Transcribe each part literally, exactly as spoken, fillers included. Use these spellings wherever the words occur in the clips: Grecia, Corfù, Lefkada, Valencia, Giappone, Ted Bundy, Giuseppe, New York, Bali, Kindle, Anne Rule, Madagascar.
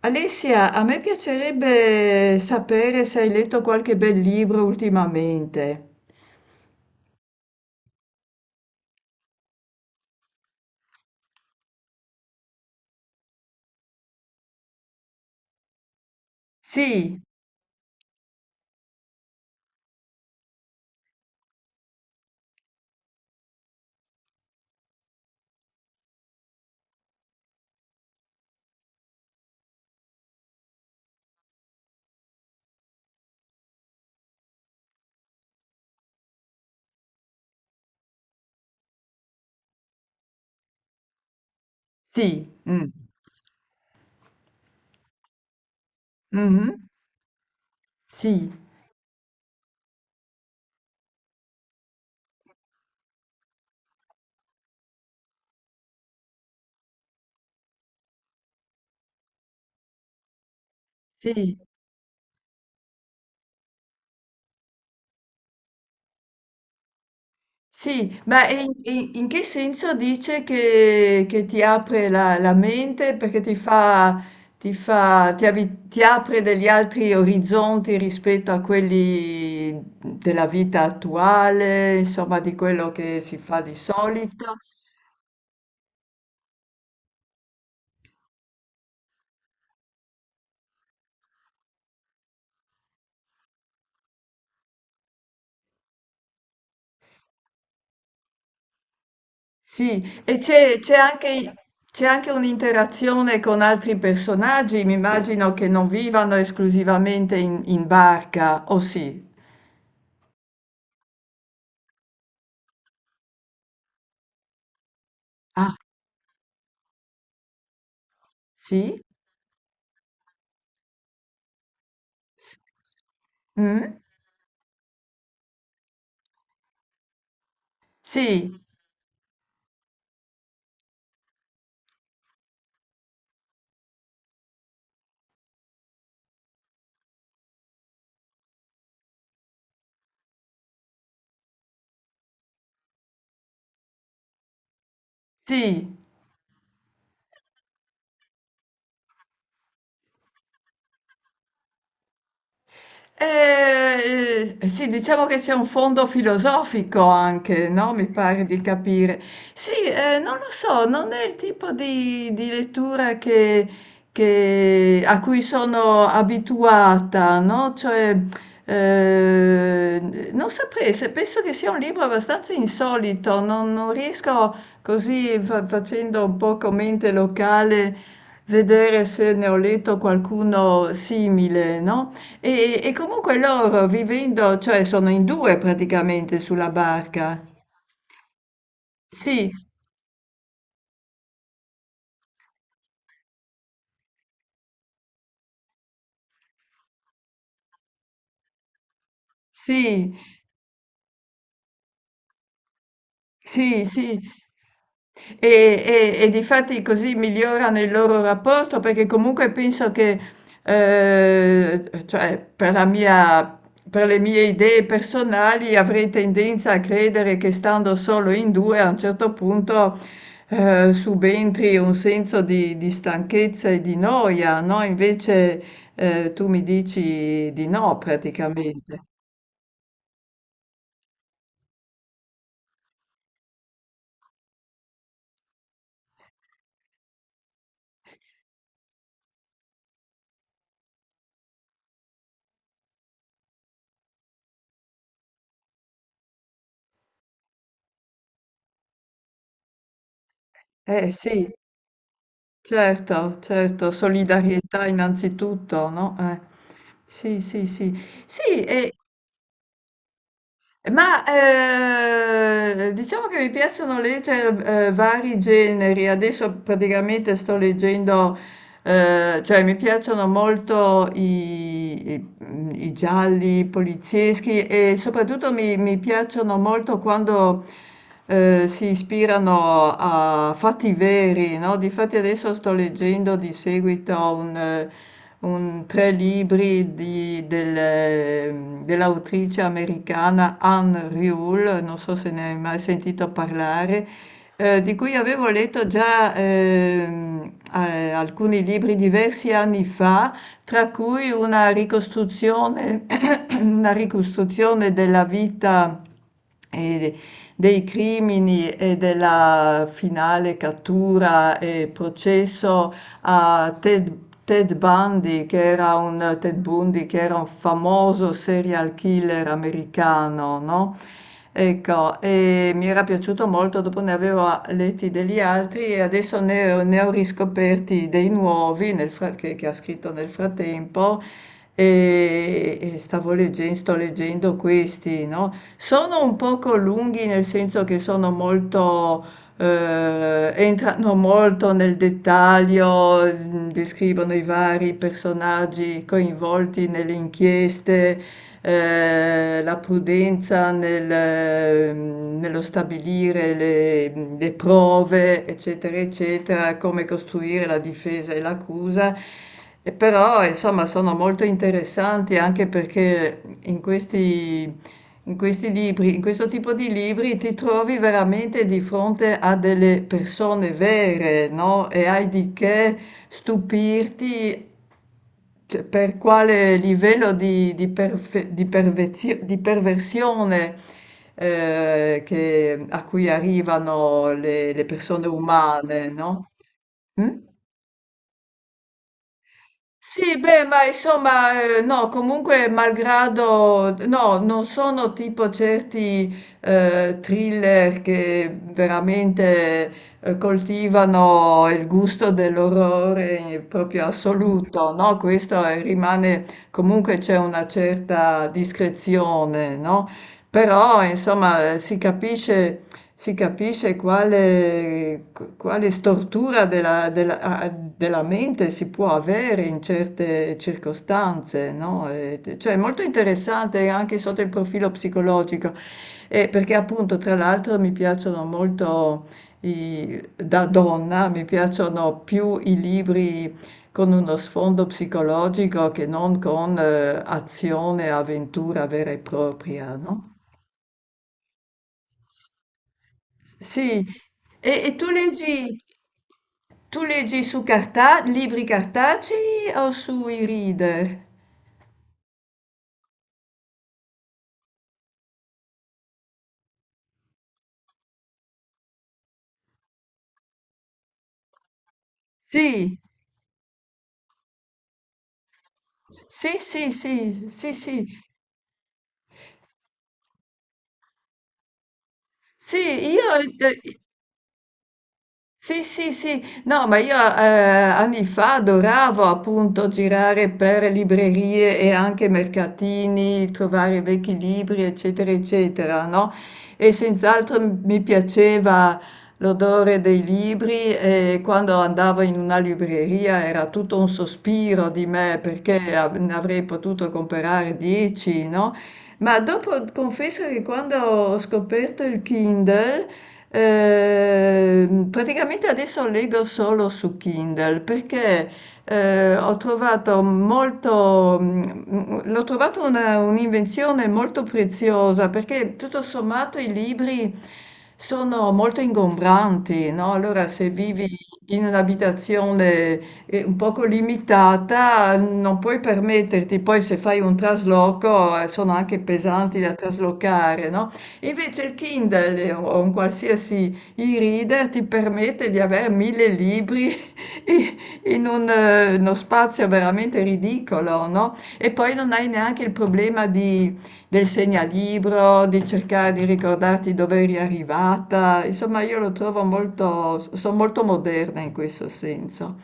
Alessia, a me piacerebbe sapere se hai letto qualche bel libro ultimamente. Sì, sì, mm, mhm, sì, sì, sì, ma in, in- in che senso dice che, che, ti apre la, la mente perché ti fa, ti fa, ti avi- ti apre degli altri orizzonti rispetto a quelli della vita attuale, insomma, di quello che si fa di solito? Sì, e c'è c'è anche c'è anche un'interazione con altri personaggi, mi immagino che non vivano esclusivamente in in barca, o sì? Ah, sì? S- mm? Sì, sì. Eh, eh, sì, diciamo che c'è un fondo filosofico anche, no? Mi pare di capire. Sì, eh, non lo so, non è il tipo di, di, lettura che, che- a cui sono abituata, no? Cioè, eh, non saprei, se- penso che sia un libro abbastanza insolito, non, non riesco così fa- facendo un po' come mente locale vedere se ne ho letto qualcuno simile, no? E e comunque loro vivendo cioè sono in due praticamente sulla barca. Sì, sì. Sì, sì. E, e, e difatti così migliorano il loro rapporto perché comunque penso che, eh, cioè, per la mia, per le mie idee personali avrei tendenza a credere che stando solo in due a un certo punto, eh, subentri un senso di, di stanchezza e di noia, no? Invece, eh, tu mi dici di no praticamente. Eh sì. Certo, certo, solidarietà innanzitutto, no? Eh, sì, sì, sì. Sì, e- ma eh, diciamo che mi piacciono leggere eh, vari generi. Adesso praticamente sto leggendo. Ehm, cioè mi piacciono molto i i mhmm, i gialli polizieschi e soprattutto mi mi piacciono molto quando, ehm, si ispirano a fatti veri, no, difatti adesso sto leggendo di seguito un eh, un tre libri di del mhmm, dell'autrice americana Anne Rule, non so se ne hai mai sentito parlare eh, di cui avevo letto già ehm, eh, alcuni libri diversi anni fa, tra cui una ricostruzione, una ricostruzione della vita e dei crimini e della finale cattura e processo a Ted, Ted Bundy, che era un, Ted Bundy, che era un famoso serial killer americano, no? Ecco, e mi era piaciuto molto, dopo ne avevo letti degli altri e adesso ne ho, ne ho riscoperti dei nuovi nel fra- che, che ha scritto nel frattempo e, e stavo leggendo, sto leggendo questi, no? Sono un poco lunghi nel senso che sono molto eh, entrano molto nel dettaglio, mh, descrivono i vari personaggi coinvolti nelle inchieste, eh, la prudenza nel, mh, nello stabilire le, le, prove, eccetera, eccetera, come costruire la difesa e l'accusa. E però, insomma, sono molto interessanti anche perché in questi in questi libri, in questo tipo di libri ti trovi veramente di fronte a delle persone vere, no? E hai di che stupirti cioè, per quale livello di, di perfe- di pervezio- di perversione eh, che- a cui arrivano le, le persone umane, no? Mm? Sì, beh, ma insomma, eh, no, comunque, malgrado, no, non sono tipo certi eh, thriller che veramente eh, coltivano il gusto dell'orrore proprio assoluto, no? Questo è- rimane, comunque c'è una certa discrezione, no? Però, insomma, eh, si capisce si capisce quale, qu- quale stortura della, della- a- della mente si può avere in certe circostanze, no? E- cioè è molto interessante anche sotto il profilo psicologico, e perché appunto tra l'altro mi piacciono molto, i- da donna, mi piacciono più i libri con uno sfondo psicologico che non con eh, azione, avventura vera e propria, no? Sì, e, e tu leggi, tu leggi su carta, libri cartacei o sui reader? Sì, sì, sì, sì, sì, sì, sì, io, eh, Sì, sì, sì. No, ma io, ehm, anni fa adoravo appunto girare per librerie e anche mercatini, trovare vecchi libri, eccetera, eccetera, no, e senz'altro m mi piaceva l'odore dei libri e quando andavo in una libreria era tutto un sospiro di me perché av ne avrei potuto comprare dieci, no, ma dopo confesso che quando ho scoperto il Kindle. Ehm, praticamente adesso leggo solo su Kindle perché eh, ho trovato molto, mm, mm, l'ho trovato una- un'invenzione molto preziosa perché tutto sommato i libri sono molto ingombranti, no? Allora se vivi in un'abitazione eh, un poco limitata non puoi permetterti, poi se fai un trasloco eh, sono anche pesanti da traslocare, no? Invece il Kindle o un qualsiasi e-reader ti permette di avere mille libri i- in un, eh, uno spazio veramente ridicolo, no? E poi non hai neanche il problema di- del segnalibro, di cercare di ricordarti dove eri arrivata. Insomma, io lo trovo molto, sono molto moderna in questo senso.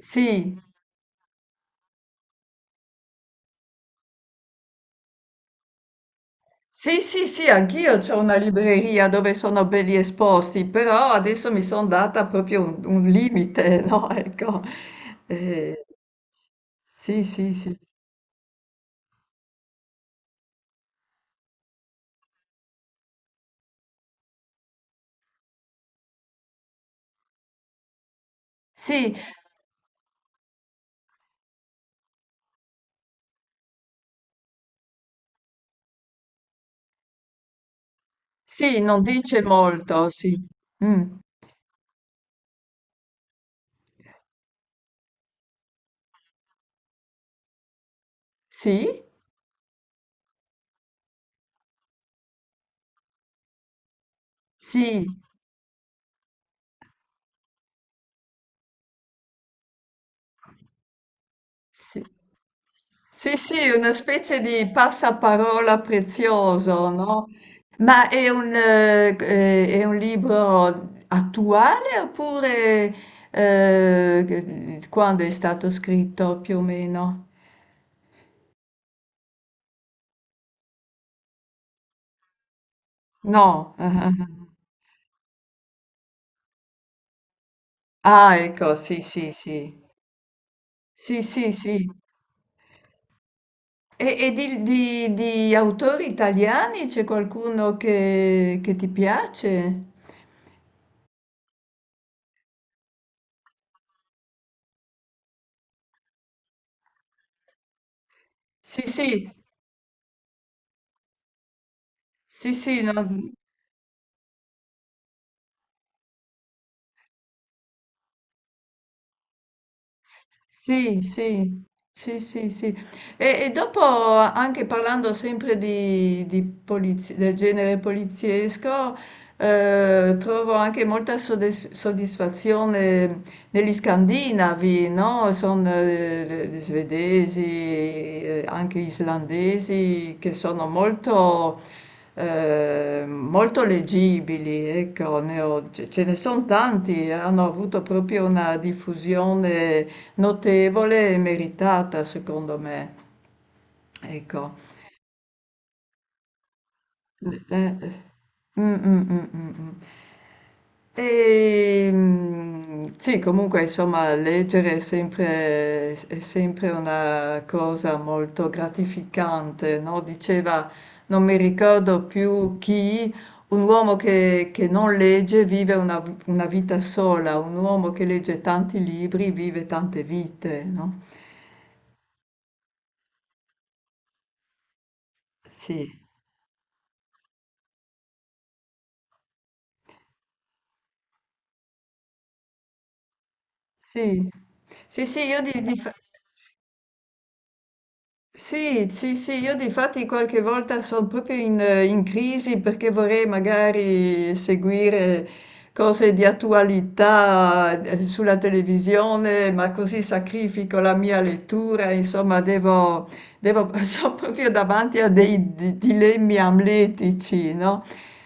Sì. Sì, sì, sì, anch'io c'ho una libreria dove sono belli esposti, però adesso mi sono data proprio un, un limite, no? Ecco. Eh, sì, sì, sì. Sì, sì, non dice molto, sì. Mm. Sì, sì. Sì, sì, sì, una specie di passaparola prezioso, no? Ma è un, eh, eh, è un libro attuale oppure eh, che- quando è stato scritto più o meno? No. Ah, ah, ah. Ah, ecco, sì, sì, sì. Sì, sì, sì. E, e di, di- di autori italiani c'è qualcuno che, che ti piace? Sì, sì, sì, sì, no. Sì, sì, sì, sì, sì. E, e dopo, anche parlando sempre di, di polizi- del genere poliziesco, eh, trovo anche molta soddisf- soddisfazione negli Scandinavi, no, son ehm, svedesi, ehm, anche islandesi che sono molto, ehm, molto leggibili, ecco, ne ho ce ce ne son tanti, hanno avuto proprio una diffusione notevole e meritata secondo me. Ecco. Eh, eh. Mm, mm, mm, mm, mm. E, mm, sì, comunque, insomma, leggere è sempre, è sempre una cosa molto gratificante, no? Diceva, non mi ricordo più chi, un uomo che, che non legge vive una, una vita sola, un uomo che legge tanti libri vive tante vite, no? Sì, sì, sì, sì, io di, di- Sì, sì, sì, io difatti qualche volta sono proprio in, eh, in crisi perché vorrei magari seguire cose di attualità eh, sulla televisione, ma così sacrifico la mia lettura, insomma, devo, devo- sono proprio davanti a dei di- dilemmi amletici, no?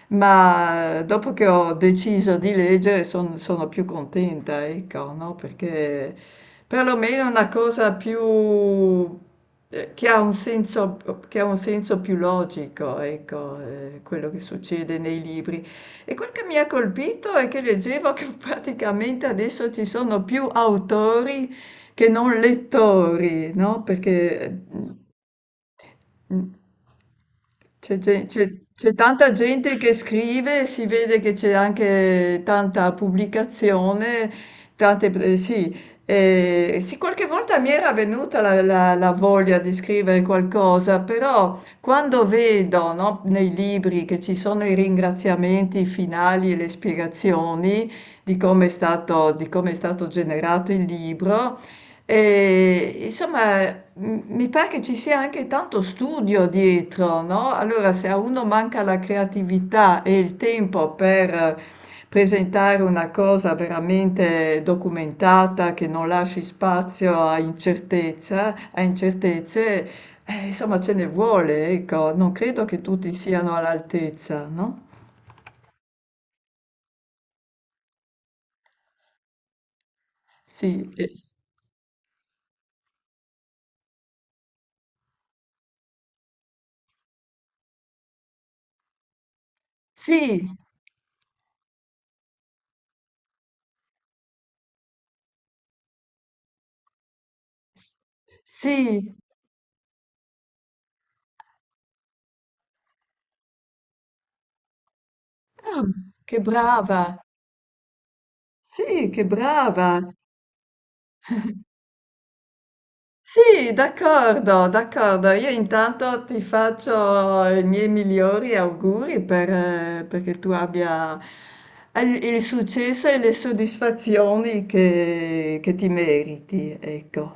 Ma dopo che ho deciso di leggere son- sono più contenta, ecco, no? Perché perlomeno una cosa più eh, che ha un senso, che ha un senso più logico, ecco, eh, quello che succede nei libri. E quel che mi ha colpito è che leggevo che praticamente adesso ci sono più autori che non lettori, no? Perché eh, c'è ge- c'è- c'è tanta gente che scrive, e si vede che c'è anche tanta pubblicazione, tante, pre- sì. Eh, sì, qualche volta mi era venuta la, la- la voglia di scrivere qualcosa, però quando vedo, no, nei libri che ci sono i ringraziamenti finali e le spiegazioni di come è stato, di come è stato generato il libro, e, insomma, m- mi pare che ci sia anche tanto studio dietro, no? Allora, se a uno manca la creatività e il tempo per eh, presentare una cosa veramente documentata, che non lasci spazio a incertezza, a incertezze, eh, insomma, ce ne vuole, ecco. Non credo che tutti siano all'altezza, no? Sì, eh, sì, sì. Ah, che brava. Sì, che brava! Sì, d'accordo, d'accordo. Io intanto ti faccio i miei migliori auguri per, eh, perché tu abbia il, il successo e le soddisfazioni che, che ti meriti, ecco.